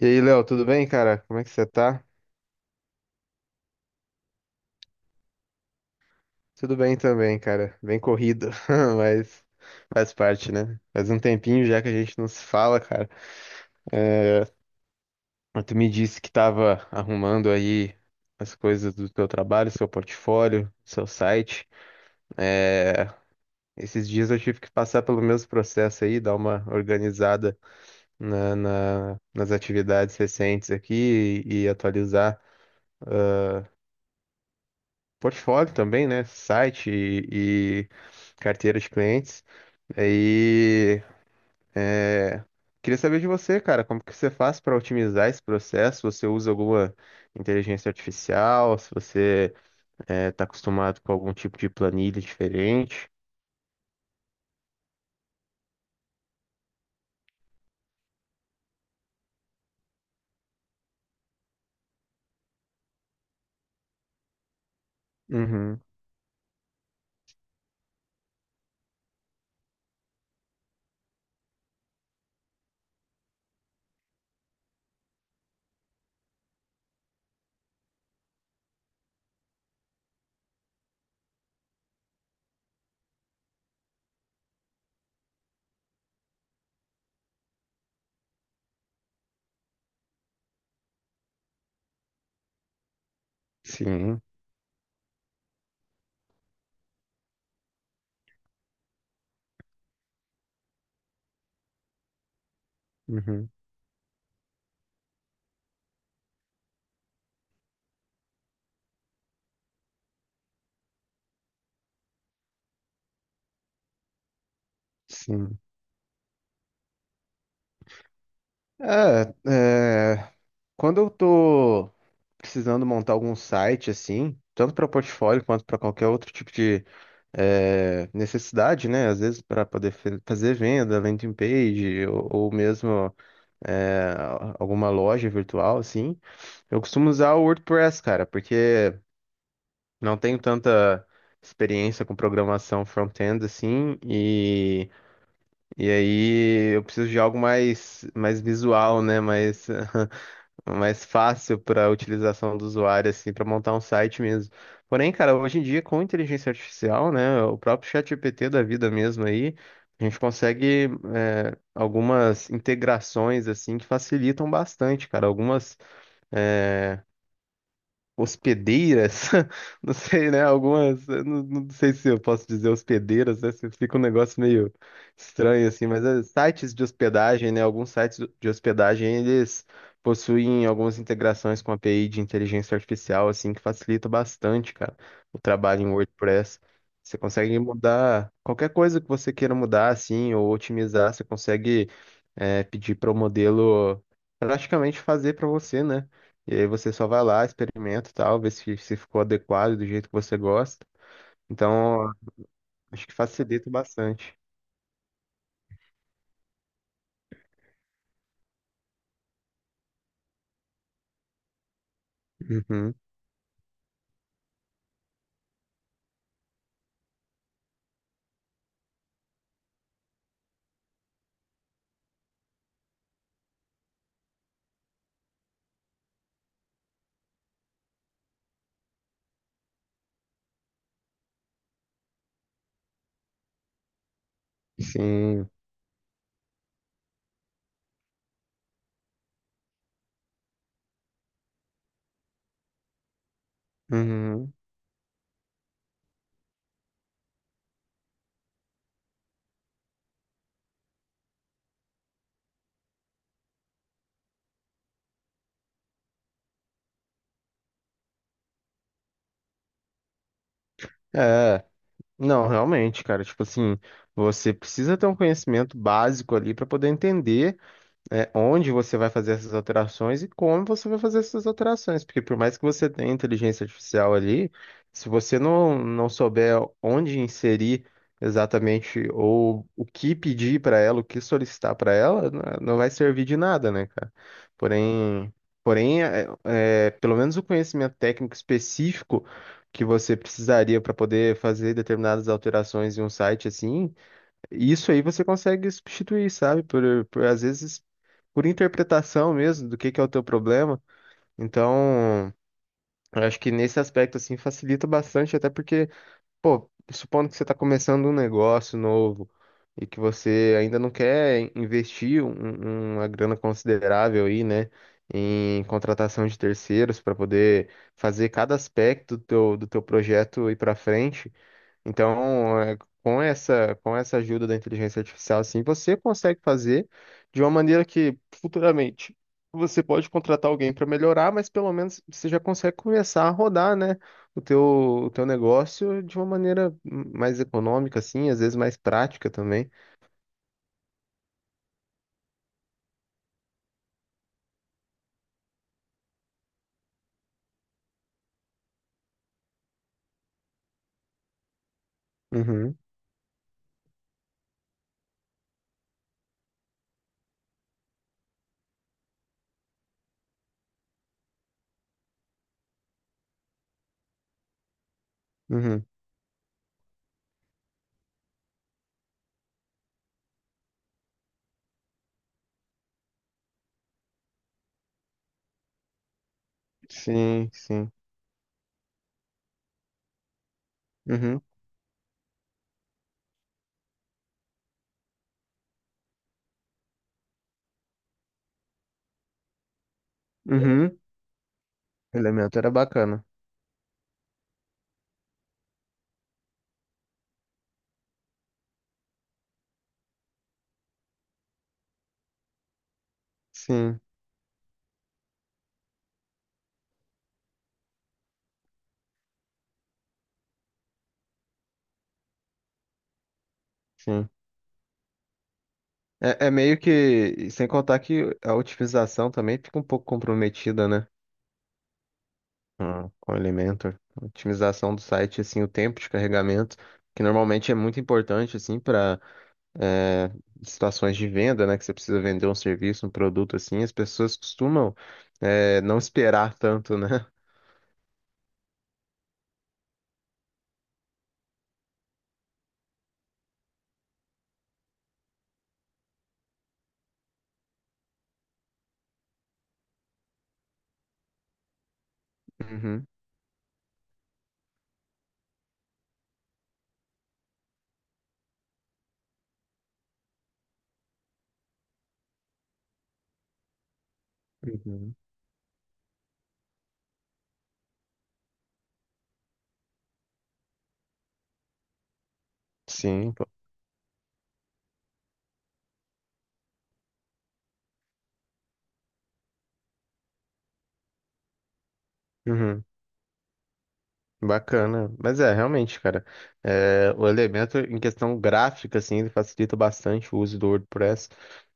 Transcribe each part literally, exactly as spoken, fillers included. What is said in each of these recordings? E aí, Léo, tudo bem, cara? Como é que você tá? Tudo bem também, cara. Bem corrido, mas faz parte, né? Faz um tempinho já que a gente não se fala, cara. Mas tu me disse que tava arrumando aí as coisas do teu trabalho, seu portfólio, seu site. É, Esses dias eu tive que passar pelo mesmo processo aí, dar uma organizada na- na- nas atividades recentes aqui e, e atualizar portfólio também, né? Site e e carteira de clientes. Aí, é, queria saber de você, cara, como que você faz para otimizar esse processo? Você usa alguma inteligência artificial? Se você é, tá acostumado com algum tipo de planilha diferente? Uhum, sim, uhum, sim. É, é, quando eu tô precisando montar algum site assim, tanto para portfólio quanto para qualquer outro tipo de é, necessidade, né? Às vezes para poder fe- fazer venda, landing page ou ou mesmo é, alguma loja virtual, assim. Eu costumo usar o WordPress, cara, porque não tenho tanta experiência com programação front-end, assim, e, e aí eu preciso de algo mais, mais visual, né? Mais mais fácil para utilização do usuário, assim, para montar um site mesmo. Porém, cara, hoje em dia, com inteligência artificial, né, o próprio ChatGPT da vida mesmo aí, a gente consegue é, algumas integrações, assim, que facilitam bastante, cara. Algumas hospedeiras, não sei, né? Algumas, eu não, não sei se eu posso dizer hospedeiras, né? se Fica um negócio meio estranho assim, mas é, sites de hospedagem, né? Alguns sites de hospedagem eles possuem algumas integrações com a API de inteligência artificial, assim, que facilita bastante, cara, o trabalho em WordPress. Você consegue mudar qualquer coisa que você queira mudar, assim, ou otimizar, você consegue é, pedir para o modelo praticamente fazer para você, né? E aí você só vai lá, experimenta e tal, vê se, se ficou adequado do jeito que você gosta. Então, acho que facilita bastante. Uhum, sim. Uhum. É. Não, realmente, cara, tipo assim, você precisa ter um conhecimento básico ali para poder entender é, onde você vai fazer essas alterações e como você vai fazer essas alterações. Porque por mais que você tenha inteligência artificial ali, se você não, não souber onde inserir exatamente ou o que pedir para ela, o que solicitar para ela, n- não vai servir de nada, né, cara? Porém, porém é, é, pelo menos o conhecimento técnico específico que você precisaria para poder fazer determinadas alterações em um site assim. E isso aí você consegue substituir, sabe? Por, por às vezes por interpretação mesmo do que que é o teu problema. Então, eu acho que nesse aspecto assim facilita bastante, até porque, pô, supondo que você está começando um negócio novo e que você ainda não quer in- investir um- uma grana considerável aí, né, em contratação de terceiros para poder fazer cada aspecto do teu, do teu projeto ir para frente. Então, é, com essa, com essa ajuda da inteligência artificial, assim, você consegue fazer de uma maneira que futuramente você pode contratar alguém para melhorar, mas pelo menos você já consegue começar a rodar, né, o teu, o teu negócio de uma maneira mais econômica, assim, às vezes mais prática também. Uhum, uhum. Sim, sim. Uhum, uhum. Elemento era bacana. Sim, sim. É, é meio que, sem contar que a otimização também fica um pouco comprometida, né? Ah, com o Elementor. Otimização do site, assim, o tempo de carregamento, que normalmente é muito importante, assim, para situações de venda, né? Que você precisa vender um serviço, um produto, assim, as pessoas costumam eh, não esperar tanto, né? Uhum. Uhum. Sim, pô. Uhum. Bacana. Mas é, realmente, cara, é, o elemento em questão gráfica, assim, ele facilita bastante o uso do WordPress,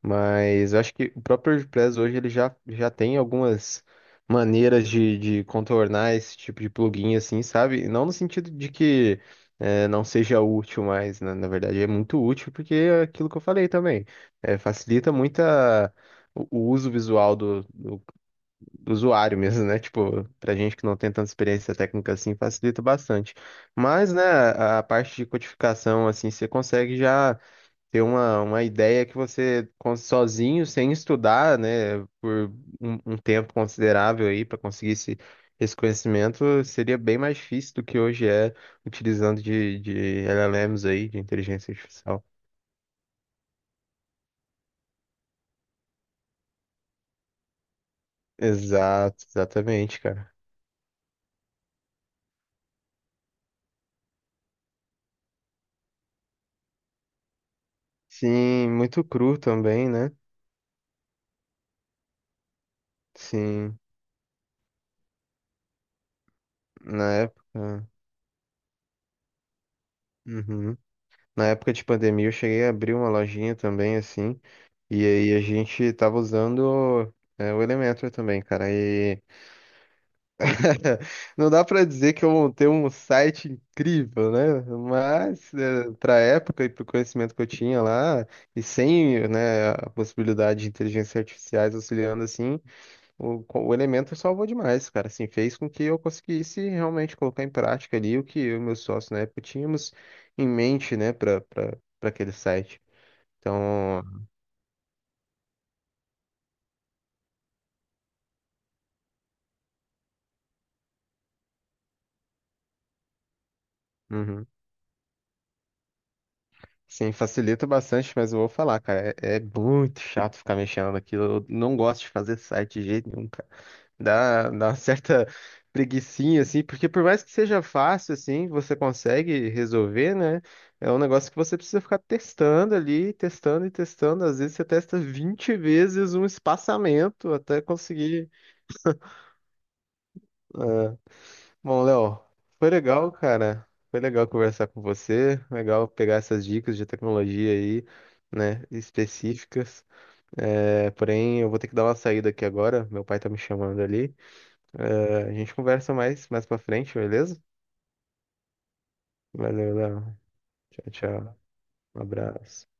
mas eu acho que o próprio WordPress hoje ele já, já tem algumas maneiras de, de contornar esse tipo de plugin, assim, sabe? Não no sentido de que é, não seja útil, mas na, na verdade é muito útil, porque é aquilo que eu falei também, é, facilita muito a- o o uso visual do, do do usuário mesmo, né? Tipo, pra gente que não tem tanta experiência técnica assim, facilita bastante. Mas, né, a parte de codificação, assim, você consegue já ter uma, uma ideia que você, cons- sozinho, sem estudar, né, por um, um tempo considerável aí, para conseguir esse, esse conhecimento, seria bem mais difícil do que hoje é, utilizando de, de L L Ms aí, de inteligência artificial. Exato, exatamente, cara. Sim, muito cru também, né? Sim, na época. Uhum. Na época de pandemia, eu cheguei a abrir uma lojinha também, assim, e aí a gente tava usando é, o Elementor também, cara. E não dá pra dizer que eu montei um site incrível, né? Mas é, pra época e pro conhecimento que eu tinha lá, e sem, né, a possibilidade de inteligência artificiais auxiliando assim. O, co- o elemento salvou demais, cara. Assim, fez com que eu conseguisse realmente colocar em prática ali o que eu e meus sócios na época tínhamos em mente, né, para para aquele site. Então, uhum. Sim, facilita bastante, mas eu vou falar, cara, é, é muito chato ficar mexendo naquilo. Eu não gosto de fazer site de jeito nenhum, Dá, dá uma certa preguicinha, assim, porque por mais que seja fácil, assim, você consegue resolver, né? É um negócio que você precisa ficar testando ali, testando e testando. Às vezes você testa vinte vezes um espaçamento até conseguir. É. Bom, Léo, foi legal, cara. Foi legal conversar com você. Legal pegar essas dicas de tecnologia aí, né, específicas. É, porém, eu vou ter que dar uma saída aqui agora. Meu pai tá me chamando ali. É, a gente conversa mais mais pra frente, beleza? Valeu, Léo. Tchau, tchau. Um abraço.